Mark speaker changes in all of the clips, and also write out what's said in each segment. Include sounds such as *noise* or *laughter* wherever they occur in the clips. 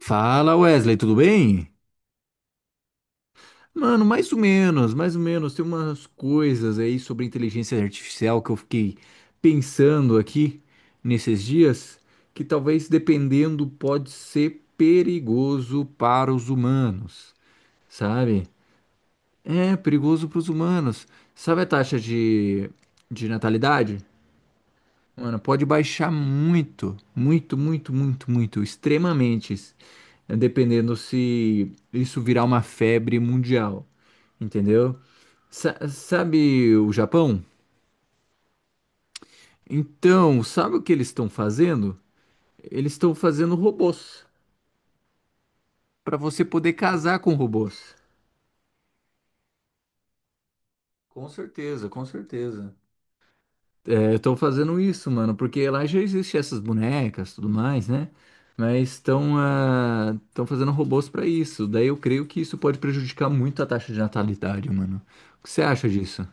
Speaker 1: Fala, Wesley, tudo bem? Mano, mais ou menos, mais ou menos. Tem umas coisas aí sobre inteligência artificial que eu fiquei pensando aqui nesses dias, que talvez dependendo pode ser perigoso para os humanos, sabe? É, perigoso para os humanos. Sabe a taxa de natalidade? Mano, pode baixar muito, muito, muito, muito, muito, extremamente, né, dependendo se isso virar uma febre mundial, entendeu? Sabe o Japão? Então, sabe o que eles estão fazendo? Eles estão fazendo robôs para você poder casar com robôs. Com certeza, com certeza. É, estão fazendo isso, mano, porque lá já existe essas bonecas, tudo mais, né? Mas estão estão fazendo robôs para isso. Daí eu creio que isso pode prejudicar muito a taxa de natalidade, mano. O que você acha disso?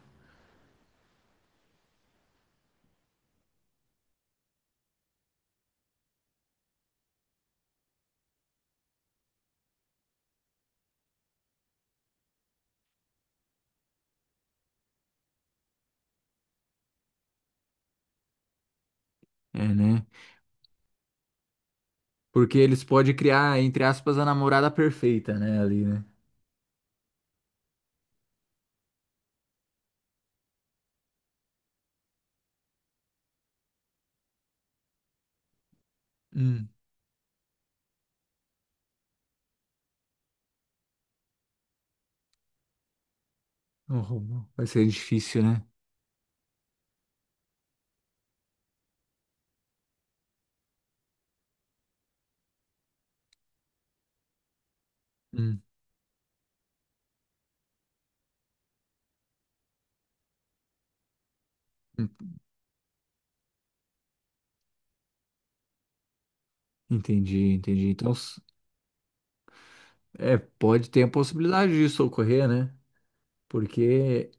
Speaker 1: É, né? Porque eles podem criar, entre aspas, a namorada perfeita, né? Ali, né? Hum, o Romão. Vai ser difícil, né? Hum. Hum, entendi, entendi. Então, s- é, pode ter a possibilidade disso ocorrer, né? Porque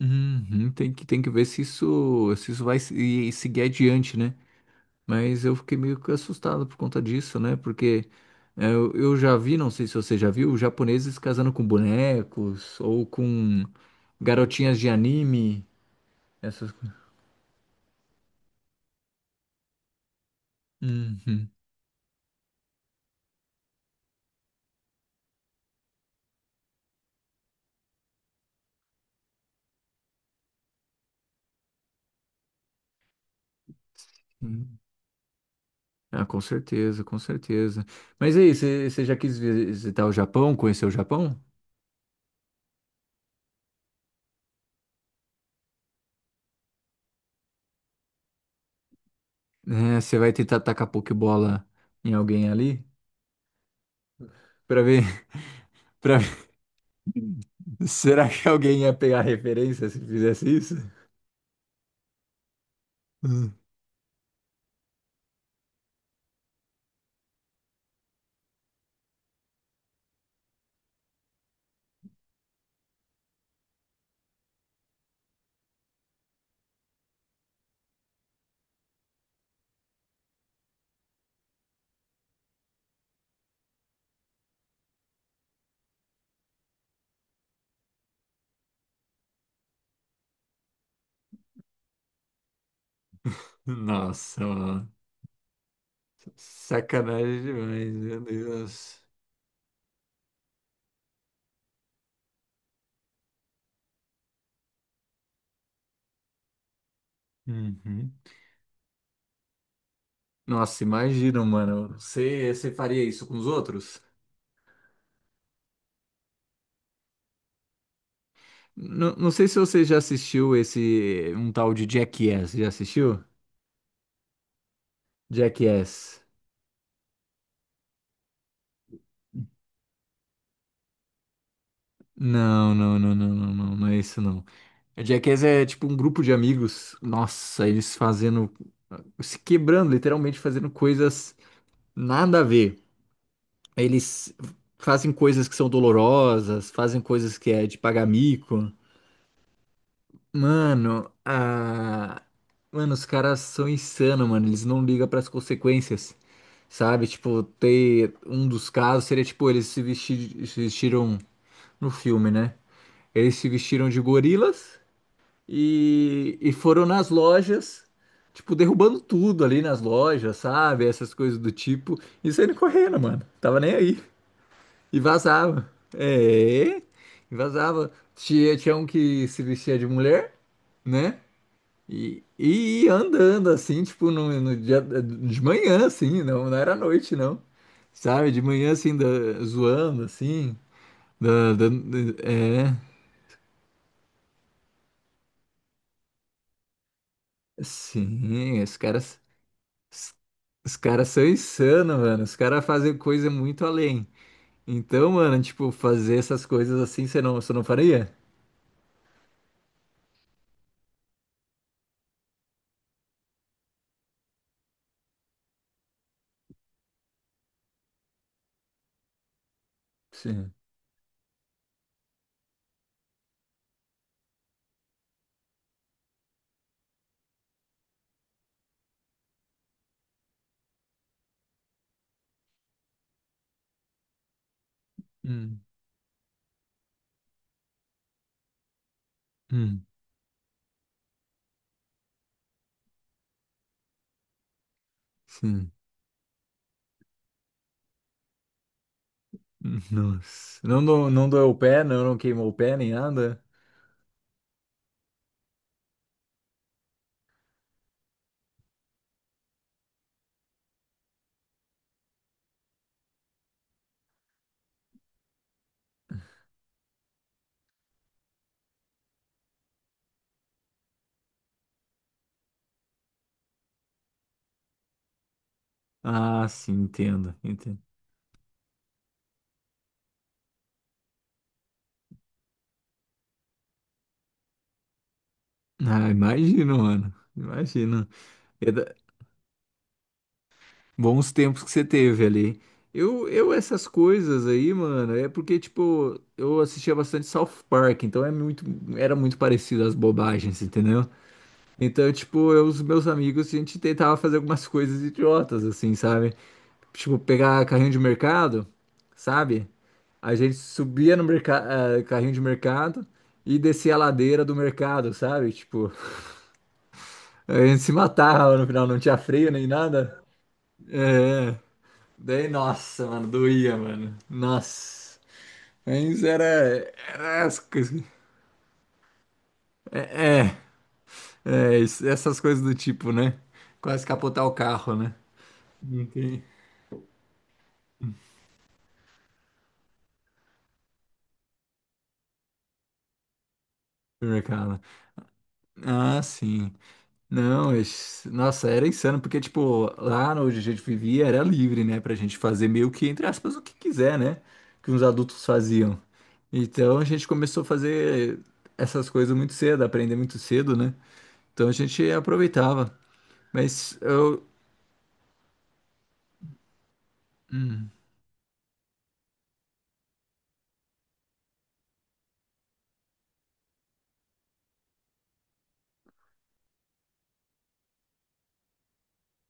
Speaker 1: uhum, tem que ver se isso, se isso vai se- e seguir adiante, né? Mas eu fiquei meio que assustado por conta disso, né? Porque é, eu já vi, não sei se você já viu, japoneses casando com bonecos ou com garotinhas de anime, essas coisas. Hum. Ah, com certeza, com certeza. Mas aí, você já quis visitar o Japão, conhecer o Japão? É, você vai tentar tacar pokebola em alguém ali? Pra ver, *laughs* pra ver. Será que alguém ia pegar referência se fizesse isso? *laughs* Hum. Nossa, mano. Sacanagem demais, meu Deus. Uhum. Nossa, imagina, mano. Você faria isso com os outros? Não, não sei se você já assistiu esse um tal de Jackass. Já assistiu? Jackass. Não, não, não, não, não, não, não é isso não. A Jackass é tipo um grupo de amigos, nossa, eles fazendo, se quebrando, literalmente fazendo coisas nada a ver. Eles fazem coisas que são dolorosas, fazem coisas que é de pagar mico. Mano, a... mano, os caras são insanos, mano, eles não ligam para as consequências, sabe? Tipo, ter um dos casos seria tipo, eles se vestiram no filme, né? Eles se vestiram de gorilas e foram nas lojas, tipo, derrubando tudo ali nas lojas, sabe? Essas coisas do tipo. E saindo correndo, mano. Tava nem aí. E vazava. É, e vazava. Tinha um que se vestia de mulher, né? E ia andando, assim, tipo, no dia, de manhã, assim, não, não era noite, não. Sabe? De manhã, assim, zoando, assim. da- da- é, sim, os caras. Os caras são insanos, mano. Os caras fazem coisa muito além. Então, mano, tipo, fazer essas coisas assim, você não faria? Sim. Hum, hum, sim. Nossa. Não, não doeu o pé, não, não queimou o pé nem nada? Ah, sim, entendo, entendo. Ah, imagino, mano. Imagino. É da- Bons tempos que você teve ali. Essas coisas aí, mano, é porque, tipo, eu assistia bastante South Park, então é muito, era muito parecido às bobagens, entendeu? Então, tipo, eu e os meus amigos, a gente tentava fazer algumas coisas idiotas, assim, sabe? Tipo, pegar carrinho de mercado, sabe? A gente subia no carrinho de mercado e descia a ladeira do mercado, sabe? Tipo, a gente se matava no final, não tinha freio nem nada. É, daí, nossa, mano, doía, mano. Nossa. Mas era as coisas. É, é, essas coisas do tipo, né? Quase capotar o carro, né? Não tem mercado. Ah, sim. Não, nossa, era insano, porque, tipo, lá onde a gente vivia era livre, né, pra gente fazer meio que, entre aspas, o que quiser, né, que os adultos faziam. Então a gente começou a fazer essas coisas muito cedo, aprender muito cedo, né? Então a gente aproveitava. Mas eu. Hum,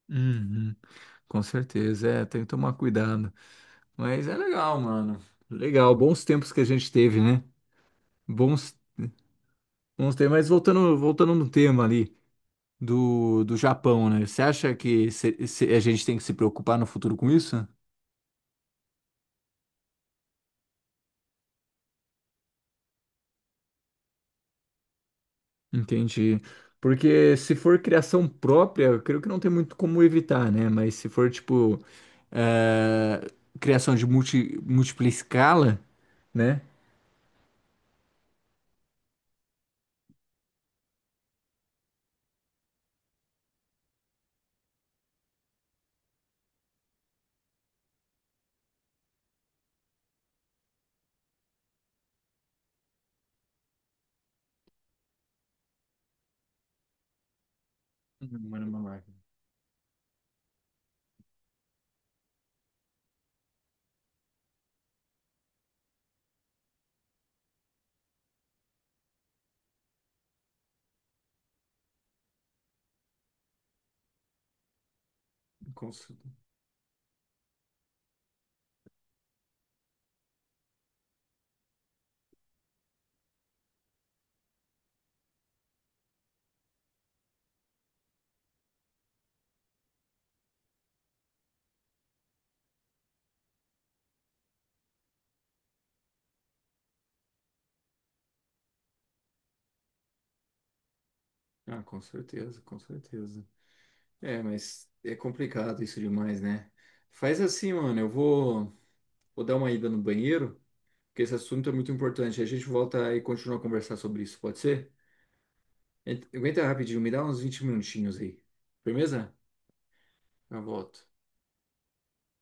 Speaker 1: hum, hum. Com certeza, é, tem que tomar cuidado. Mas é legal, mano. Legal, bons tempos que a gente teve, né? Bons, bons tempos. Mas voltando, voltando no tema ali do Japão, né? Você acha que se a gente tem que se preocupar no futuro com isso? Entendi. Porque se for criação própria, eu creio que não tem muito como evitar, né? Mas se for, tipo, eh, criação de múltipla escala, né? Não era uma máquina. Com, cer- ah, com certeza, com certeza. É, mas é complicado isso demais, né? Faz assim, mano, vou dar uma ida no banheiro porque esse assunto é muito importante. A gente volta e continua a conversar sobre isso, pode ser? Aguenta rapidinho, me dá uns 20 minutinhos aí. Firmeza? Eu volto.